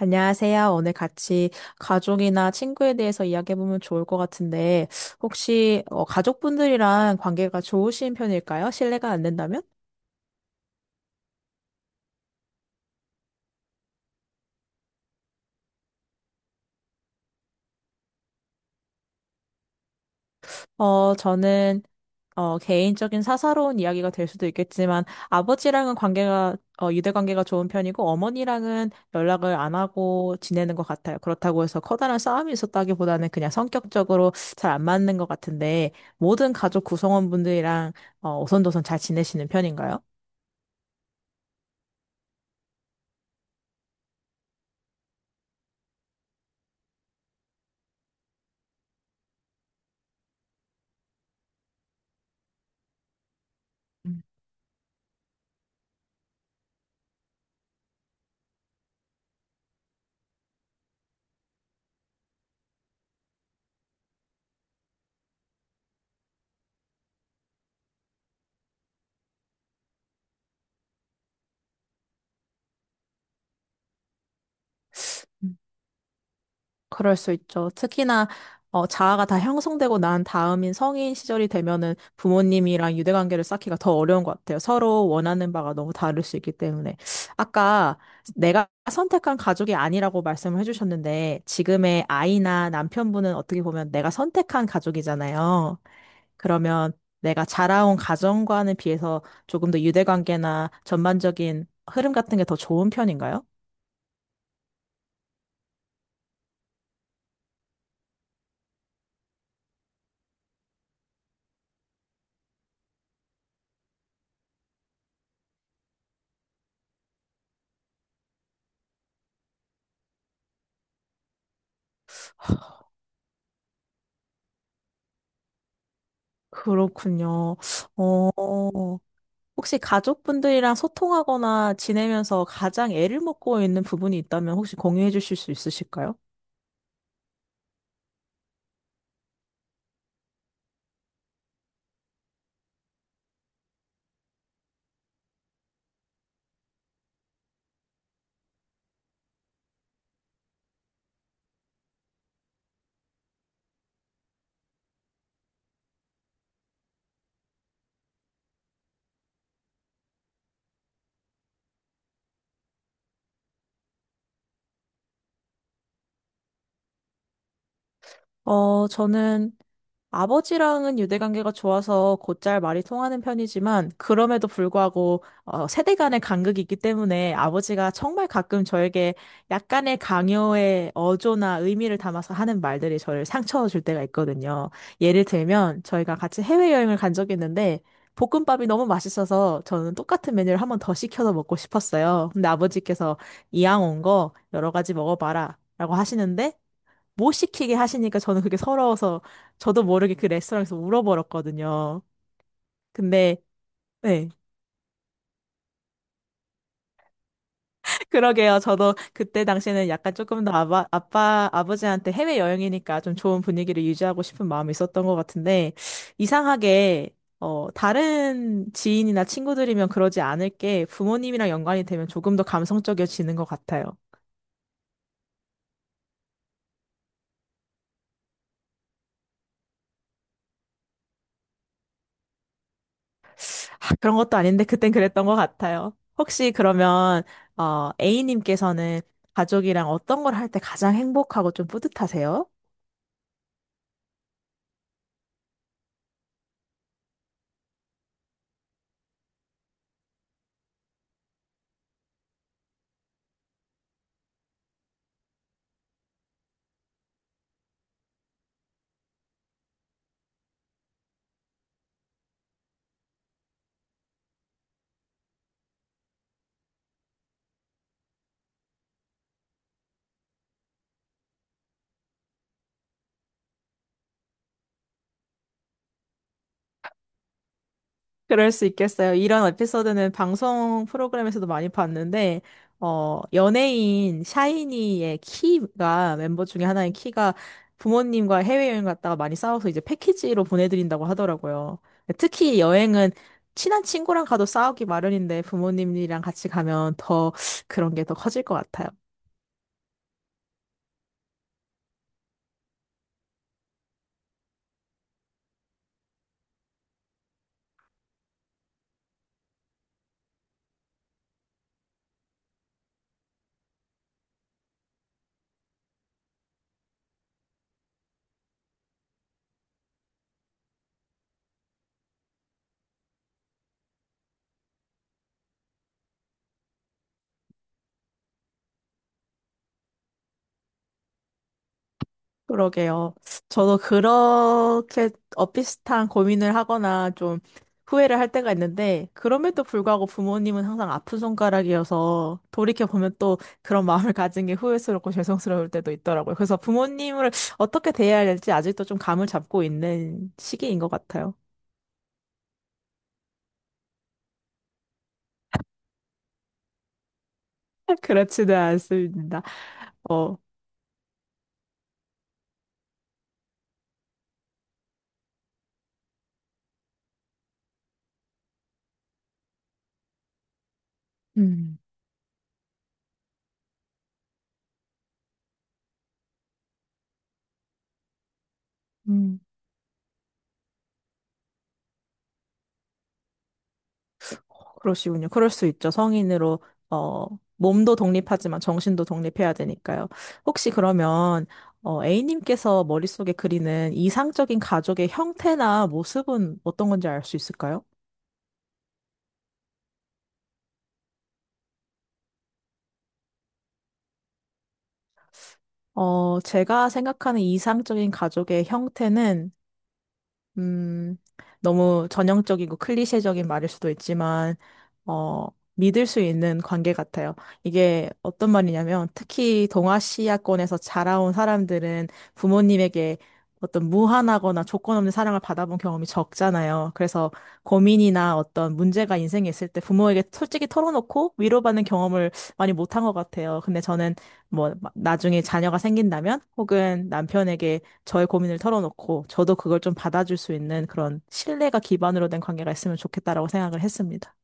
안녕하세요. 오늘 같이 가족이나 친구에 대해서 이야기해보면 좋을 것 같은데, 혹시 가족분들이랑 관계가 좋으신 편일까요? 실례가 안 된다면? 저는 개인적인 사사로운 이야기가 될 수도 있겠지만, 아버지랑은 관계가, 유대관계가 좋은 편이고, 어머니랑은 연락을 안 하고 지내는 것 같아요. 그렇다고 해서 커다란 싸움이 있었다기보다는 그냥 성격적으로 잘 안 맞는 것 같은데, 모든 가족 구성원분들이랑 오손도손 잘 지내시는 편인가요? 음, 그럴 수 있죠. 특히나 자아가 다 형성되고 난 다음인 성인 시절이 되면은 부모님이랑 유대 관계를 쌓기가 더 어려운 것 같아요. 서로 원하는 바가 너무 다를 수 있기 때문에. 아까 내가 선택한 가족이 아니라고 말씀을 해주셨는데 지금의 아이나 남편분은 어떻게 보면 내가 선택한 가족이잖아요. 그러면 내가 자라온 가정과는 비해서 조금 더 유대 관계나 전반적인 흐름 같은 게 더 좋은 편인가요? 그렇군요. 어, 혹시 가족분들이랑 소통하거나 지내면서 가장 애를 먹고 있는 부분이 있다면 혹시 공유해 주실 수 있으실까요? 저는 아버지랑은 유대관계가 좋아서 곧잘 말이 통하는 편이지만 그럼에도 불구하고 세대 간의 간극이 있기 때문에 아버지가 정말 가끔 저에게 약간의 강요의 어조나 의미를 담아서 하는 말들이 저를 상처 줄 때가 있거든요. 예를 들면 저희가 같이 해외여행을 간 적이 있는데 볶음밥이 너무 맛있어서 저는 똑같은 메뉴를 한 번 더 시켜서 먹고 싶었어요. 근데 아버지께서 이왕 온 거 여러 가지 먹어봐라 라고 하시는데 못 시키게 하시니까 저는 그게 서러워서 저도 모르게 그 레스토랑에서 울어버렸거든요. 근데 네. 그러게요. 저도 그때 당시에는 약간 조금 더 아버지한테 해외여행이니까 좀 좋은 분위기를 유지하고 싶은 마음이 있었던 것 같은데, 이상하게, 다른 지인이나 친구들이면 그러지 않을 게 부모님이랑 연관이 되면 조금 더 감성적이어지는 것 같아요. 아, 그런 것도 아닌데 그땐 그랬던 것 같아요. 혹시 그러면 A님께서는 가족이랑 어떤 걸 할 때 가장 행복하고 좀 뿌듯하세요? 그럴 수 있겠어요. 이런 에피소드는 방송 프로그램에서도 많이 봤는데 연예인 샤이니의 키가 멤버 중에 하나인 키가 부모님과 해외여행 갔다가 많이 싸워서 이제 패키지로 보내드린다고 하더라고요. 특히 여행은 친한 친구랑 가도 싸우기 마련인데 부모님이랑 같이 가면 더 그런 게 더 커질 것 같아요. 그러게요. 저도 그렇게 비슷한 고민을 하거나 좀 후회를 할 때가 있는데, 그럼에도 불구하고 부모님은 항상 아픈 손가락이어서 돌이켜보면 또 그런 마음을 가진 게 후회스럽고 죄송스러울 때도 있더라고요. 그래서 부모님을 어떻게 대해야 할지 아직도 좀 감을 잡고 있는 시기인 것 같아요. 그렇지는 않습니다. 어, 음, 음. 그러시군요. 그럴 수 있죠. 성인으로, 어, 몸도 독립하지만 정신도 독립해야 되니까요. 혹시 그러면, A님께서 머릿속에 그리는 이상적인 가족의 형태나 모습은 어떤 건지 알 수 있을까요? 제가 생각하는 이상적인 가족의 형태는 음, 너무 전형적이고 클리셰적인 말일 수도 있지만, 어, 믿을 수 있는 관계 같아요. 이게 어떤 말이냐면, 특히 동아시아권에서 자라온 사람들은 부모님에게 어떤 무한하거나 조건 없는 사랑을 받아본 경험이 적잖아요. 그래서 고민이나 어떤 문제가 인생에 있을 때 부모에게 솔직히 털어놓고 위로받는 경험을 많이 못한 것 같아요. 근데 저는 뭐, 나중에 자녀가 생긴다면, 혹은 남편에게 저의 고민을 털어놓고 저도 그걸 좀 받아줄 수 있는 그런 신뢰가 기반으로 된 관계가 있으면 좋겠다라고 생각을 했습니다.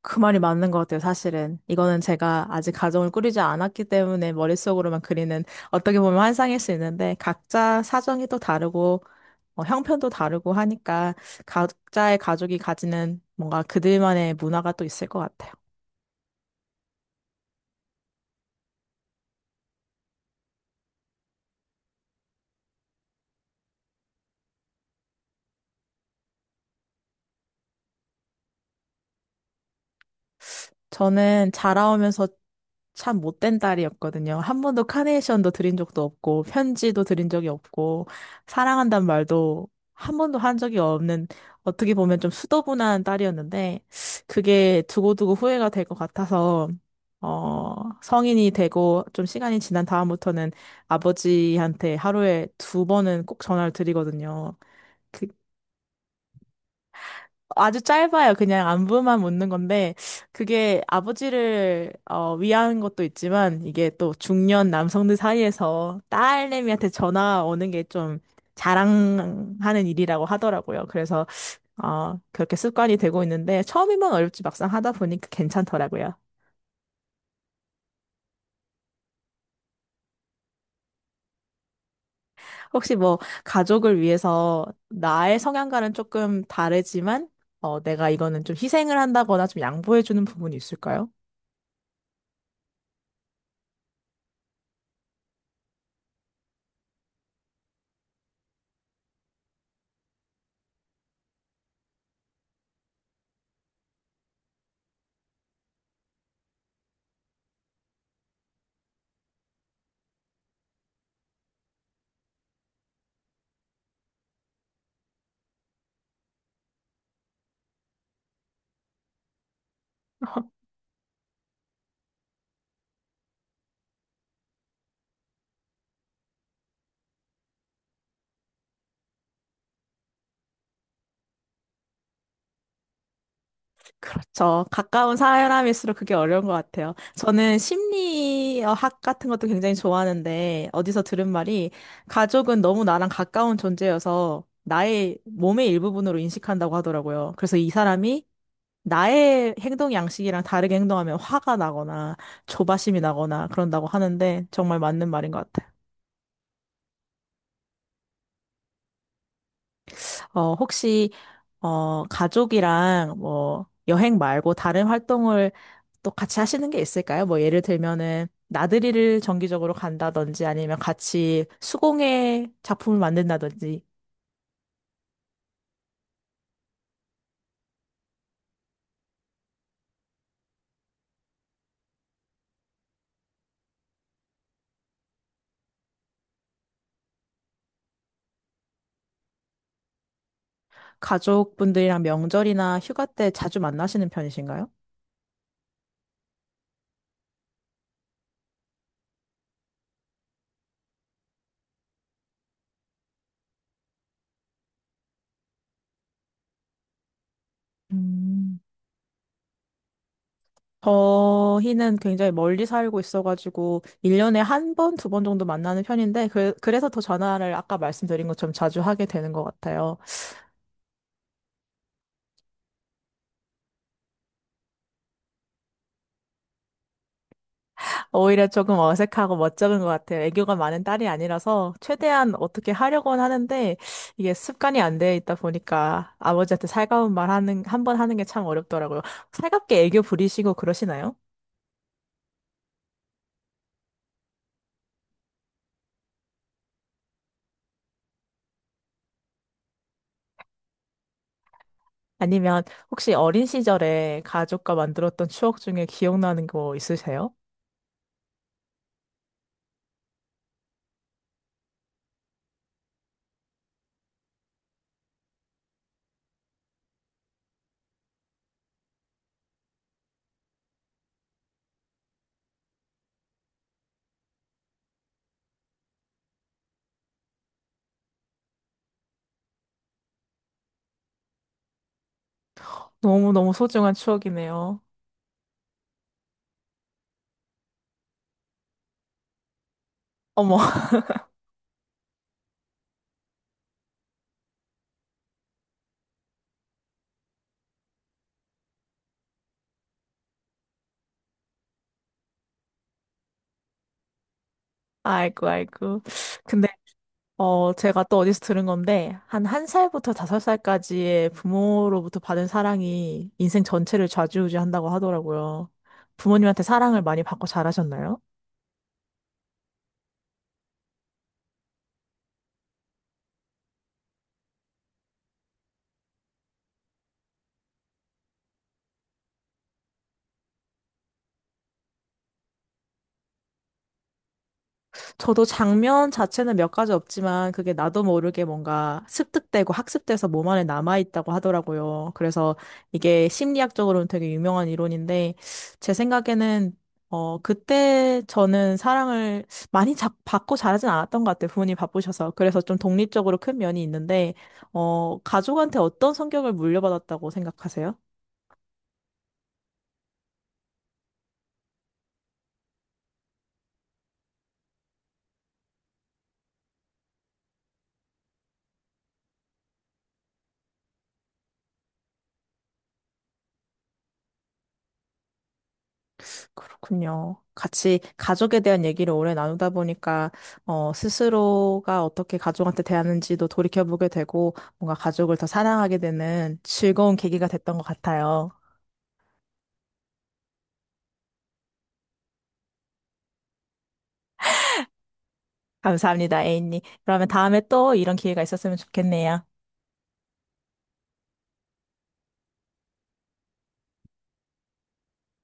그 말이 맞는 것 같아요, 사실은. 이거는 제가 아직 가정을 꾸리지 않았기 때문에 머릿속으로만 그리는 어떻게 보면 환상일 수 있는데 각자 사정이 또 다르고 형편도 다르고 하니까 각자의 가족이 가지는 뭔가 그들만의 문화가 또 있을 것 같아요. 저는 자라오면서 참 못된 딸이었거든요. 한 번도 카네이션도 드린 적도 없고, 편지도 드린 적이 없고, 사랑한단 말도 한 번도 한 적이 없는, 어떻게 보면 좀 수더분한 딸이었는데, 그게 두고두고 후회가 될 것 같아서, 어, 성인이 되고 좀 시간이 지난 다음부터는 아버지한테 하루에 두 번은 꼭 전화를 드리거든요. 그 아주 짧아요. 그냥 안부만 묻는 건데, 그게 아버지를 위한 것도 있지만, 이게 또 중년 남성들 사이에서 딸내미한테 전화 오는 게 좀 자랑하는 일이라고 하더라고요. 그래서 그렇게 습관이 되고 있는데, 처음이면 어렵지 막상 하다 보니까 괜찮더라고요. 혹시 뭐 가족을 위해서 나의 성향과는 조금 다르지만 내가 이거는 좀 희생을 한다거나 좀 양보해주는 부분이 있을까요? 그렇죠. 가까운 사람일수록 그게 어려운 것 같아요. 저는 심리학 같은 것도 굉장히 좋아하는데, 어디서 들은 말이, 가족은 너무 나랑 가까운 존재여서 나의 몸의 일부분으로 인식한다고 하더라고요. 그래서 이 사람이 나의 행동 양식이랑 다르게 행동하면 화가 나거나 조바심이 나거나 그런다고 하는데, 정말 맞는 말인 것 같아요. 혹시 가족이랑 뭐 여행 말고 다른 활동을 또 같이 하시는 게 있을까요? 뭐 예를 들면은 나들이를 정기적으로 간다든지 아니면 같이 수공예 작품을 만든다든지 가족분들이랑 명절이나 휴가 때 자주 만나시는 편이신가요? 음, 저희는 굉장히 멀리 살고 있어가지고 1년에 한 번, 두 번 정도 만나는 편인데 그래서 더 전화를 아까 말씀드린 것처럼 자주 하게 되는 것 같아요. 오히려 조금 어색하고 멋쩍은 것 같아요. 애교가 많은 딸이 아니라서 최대한 어떻게 하려고는 하는데 이게 습관이 안 돼 있다 보니까 아버지한테 살가운 말 하는, 한 번 하는 게 참 어렵더라고요. 살갑게 애교 부리시고 그러시나요? 아니면 혹시 어린 시절에 가족과 만들었던 추억 중에 기억나는 거 있으세요? 너무너무 소중한 추억이네요. 어머, 아이고, 아이고. 근데 제가 또 어디서 들은 건데, 한 1살부터 5살까지의 부모로부터 받은 사랑이 인생 전체를 좌지우지한다고 하더라고요. 부모님한테 사랑을 많이 받고 자라셨나요? 저도 장면 자체는 몇 가지 없지만 그게 나도 모르게 뭔가 습득되고 학습돼서 몸 안에 남아있다고 하더라고요. 그래서 이게 심리학적으로는 되게 유명한 이론인데 제 생각에는 그때 저는 사랑을 많이 받고 자라진 않았던 것 같아요. 부모님 바쁘셔서. 그래서 좀 독립적으로 큰 면이 있는데, 가족한테 어떤 성격을 물려받았다고 생각하세요? 그렇군요. 같이 가족에 대한 얘기를 오래 나누다 보니까, 스스로가 어떻게 가족한테 대하는지도 돌이켜보게 되고, 뭔가 가족을 더 사랑하게 되는 즐거운 계기가 됐던 것 같아요. 감사합니다, 에인님. 그러면 다음에 또 이런 기회가 있었으면 좋겠네요.